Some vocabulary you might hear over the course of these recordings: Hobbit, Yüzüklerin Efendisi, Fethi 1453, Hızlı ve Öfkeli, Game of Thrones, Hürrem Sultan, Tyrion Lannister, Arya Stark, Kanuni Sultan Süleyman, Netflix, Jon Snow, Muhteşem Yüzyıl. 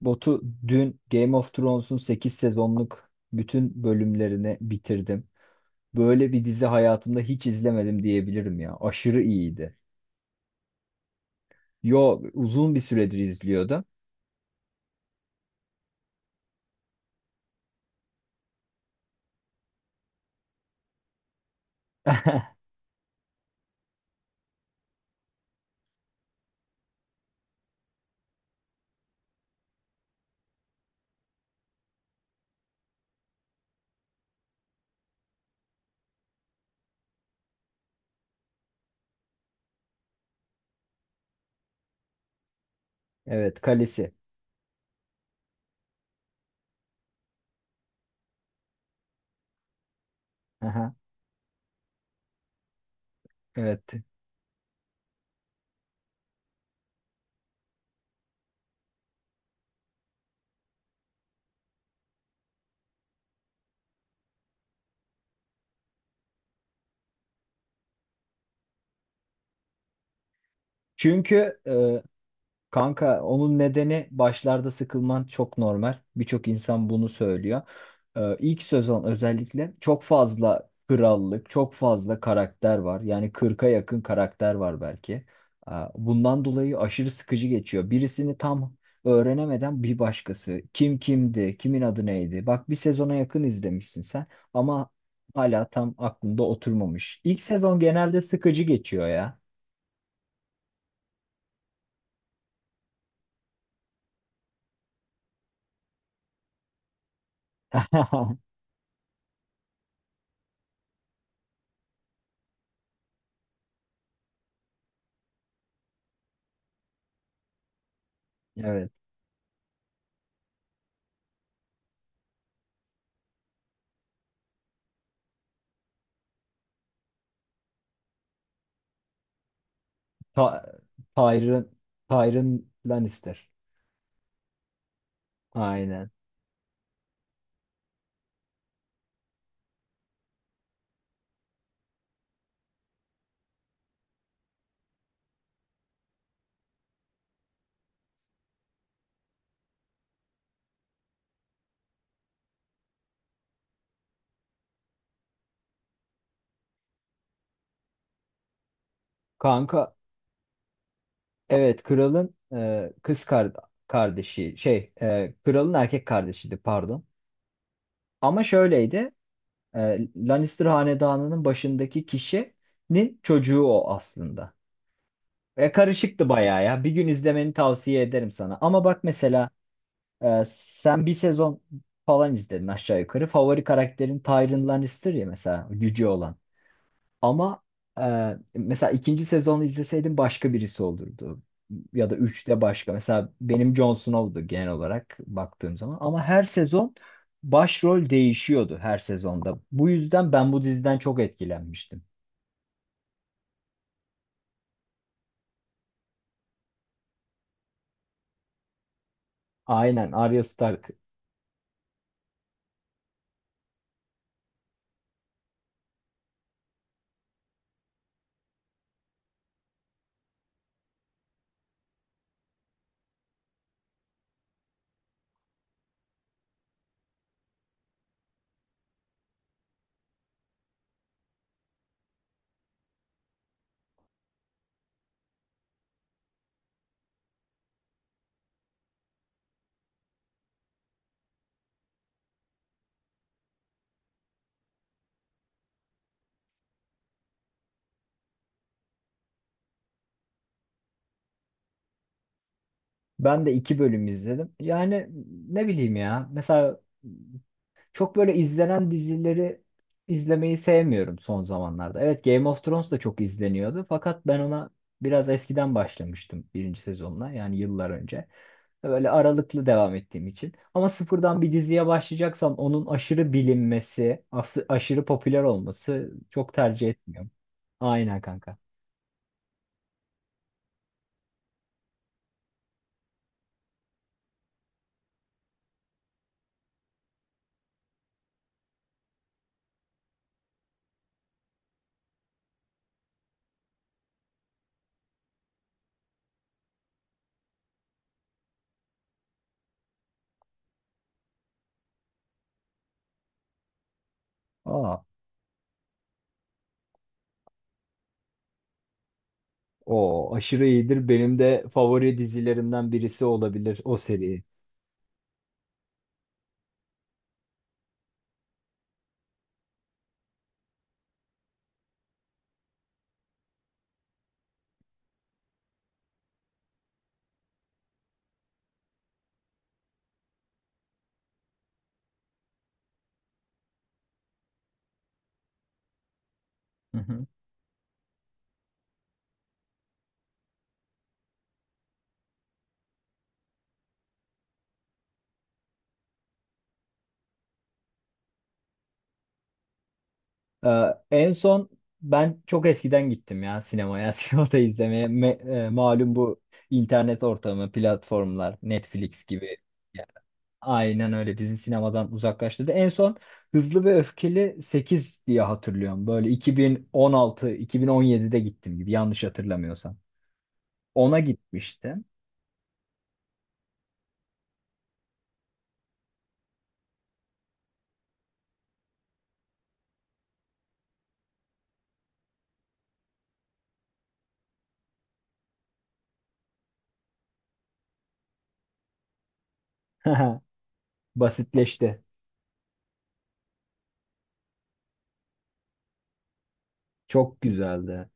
Botu dün Game of Thrones'un 8 sezonluk bütün bölümlerini bitirdim. Böyle bir dizi hayatımda hiç izlemedim diyebilirim ya. Aşırı iyiydi. Yo, uzun bir süredir izliyordum. Evet, kalesi. Aha, evet. Çünkü e, Kanka, onun nedeni başlarda sıkılman çok normal. Birçok insan bunu söylüyor. İlk sezon özellikle çok fazla krallık, çok fazla karakter var. Yani 40'a yakın karakter var belki. Bundan dolayı aşırı sıkıcı geçiyor. Birisini tam öğrenemeden bir başkası. Kim kimdi, kimin adı neydi? Bak, bir sezona yakın izlemişsin sen ama hala tam aklında oturmamış. İlk sezon genelde sıkıcı geçiyor ya. Evet. Ta Tyrion, Tyrion Lannister. Aynen. Kanka, evet, kralın e, kız kar- kardeşi şey kralın erkek kardeşiydi, pardon. Ama şöyleydi, Lannister hanedanının başındaki kişinin çocuğu o aslında. E, karışıktı bayağı ya. Bir gün izlemeni tavsiye ederim sana. Ama bak mesela, sen bir sezon falan izledin aşağı yukarı. Favori karakterin Tyrion Lannister ya mesela, cüce olan. Ama mesela ikinci sezonu izleseydim başka birisi olurdu. Ya da üçte başka. Mesela benim Jon Snow'du genel olarak baktığım zaman. Ama her sezon başrol değişiyordu her sezonda. Bu yüzden ben bu diziden çok etkilenmiştim. Aynen, Arya Stark. Ben de iki bölüm izledim. Yani ne bileyim ya. Mesela çok böyle izlenen dizileri izlemeyi sevmiyorum son zamanlarda. Evet, Game of Thrones da çok izleniyordu fakat ben ona biraz eskiden başlamıştım, birinci sezonuna yani, yıllar önce. Böyle aralıklı devam ettiğim için. Ama sıfırdan bir diziye başlayacaksam onun aşırı bilinmesi, aşırı popüler olması çok tercih etmiyorum. Aynen kanka. Aa, o aşırı iyidir. Benim de favori dizilerimden birisi olabilir o seri. Hı hı. En son ben çok eskiden gittim ya sinemaya, sinemada izlemeye. Malum bu internet ortamı, platformlar, Netflix gibi. Ya, aynen öyle bizi sinemadan uzaklaştırdı. En son Hızlı ve Öfkeli sekiz diye hatırlıyorum. Böyle 2016-2017'de gittim gibi, yanlış hatırlamıyorsam. Ona gitmiştim. Basitleşti. Çok güzeldi.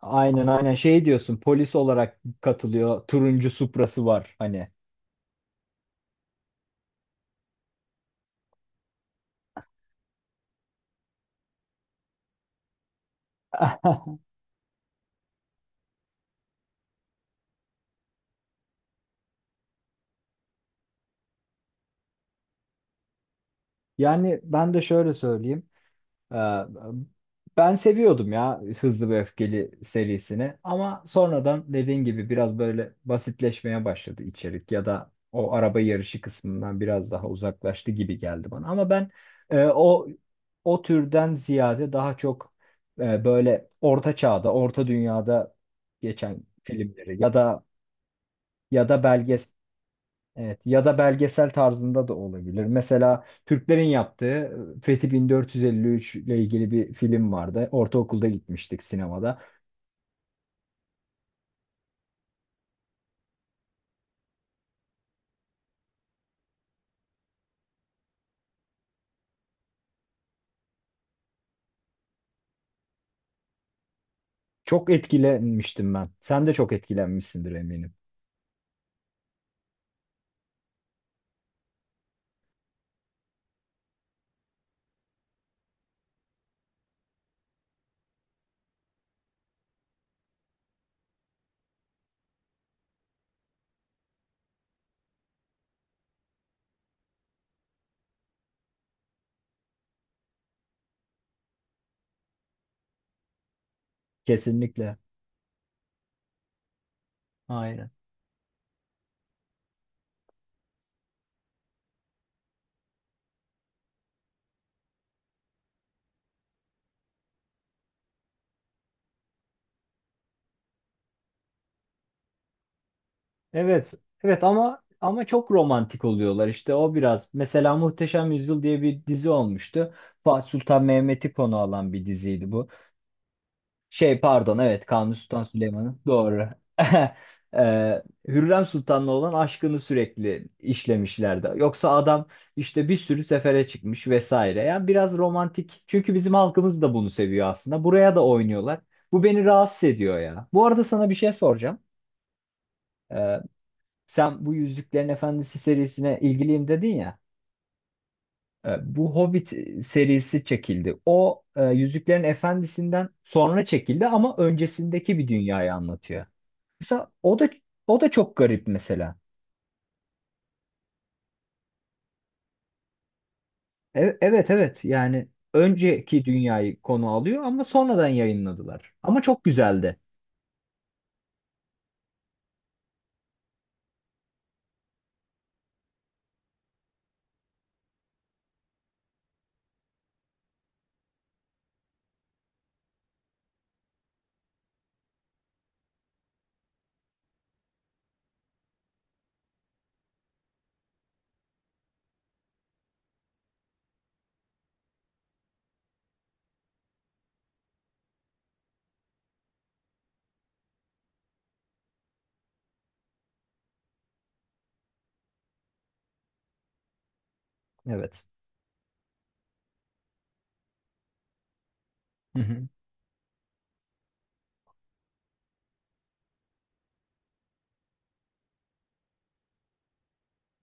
Aynen, aynen, şey diyorsun, polis olarak katılıyor, turuncu Supra'sı var hani. Yani ben de şöyle söyleyeyim. Ee, Ben seviyordum ya Hızlı ve Öfkeli serisini ama sonradan dediğin gibi biraz böyle basitleşmeye başladı içerik ya da o araba yarışı kısmından biraz daha uzaklaştı gibi geldi bana. Ama ben e, o o türden ziyade daha çok, böyle orta çağda, orta dünyada geçen filmleri ya da, ya da belgesel. Evet, ya da belgesel tarzında da olabilir. Mesela Türklerin yaptığı Fethi 1453 ile ilgili bir film vardı. Ortaokulda gitmiştik sinemada. Çok etkilenmiştim ben. Sen de çok etkilenmişsindir eminim. Kesinlikle. Aynen. Evet, evet, ama, ama çok romantik oluyorlar işte o biraz. Mesela Muhteşem Yüzyıl diye bir dizi olmuştu. Fatih Sultan Mehmet'i konu alan bir diziydi bu. Şey, pardon, evet, Kanuni Sultan Süleyman'ın, doğru. Hürrem Sultan'la olan aşkını sürekli işlemişlerdi. Yoksa adam işte bir sürü sefere çıkmış vesaire. Yani biraz romantik. Çünkü bizim halkımız da bunu seviyor aslında. Buraya da oynuyorlar. Bu beni rahatsız ediyor ya. Bu arada sana bir şey soracağım. Ee, Sen bu Yüzüklerin Efendisi serisine ilgiliyim dedin ya. Bu Hobbit serisi çekildi. O, Yüzüklerin Efendisi'nden sonra çekildi ama öncesindeki bir dünyayı anlatıyor. Mesela o da çok garip mesela. Evet, evet, yani önceki dünyayı konu alıyor ama sonradan yayınladılar. Ama çok güzeldi. Evet. Hı hı.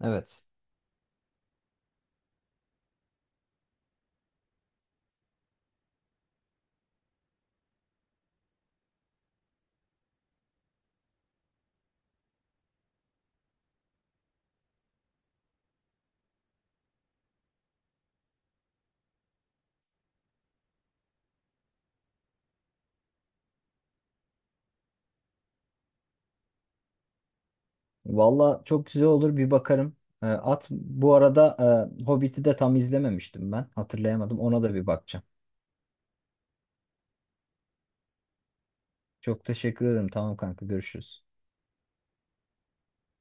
Evet. Valla çok güzel olur, bir bakarım. E, at bu arada. Hobbit'i de tam izlememiştim ben. Hatırlayamadım. Ona da bir bakacağım. Çok teşekkür ederim. Tamam kanka, görüşürüz.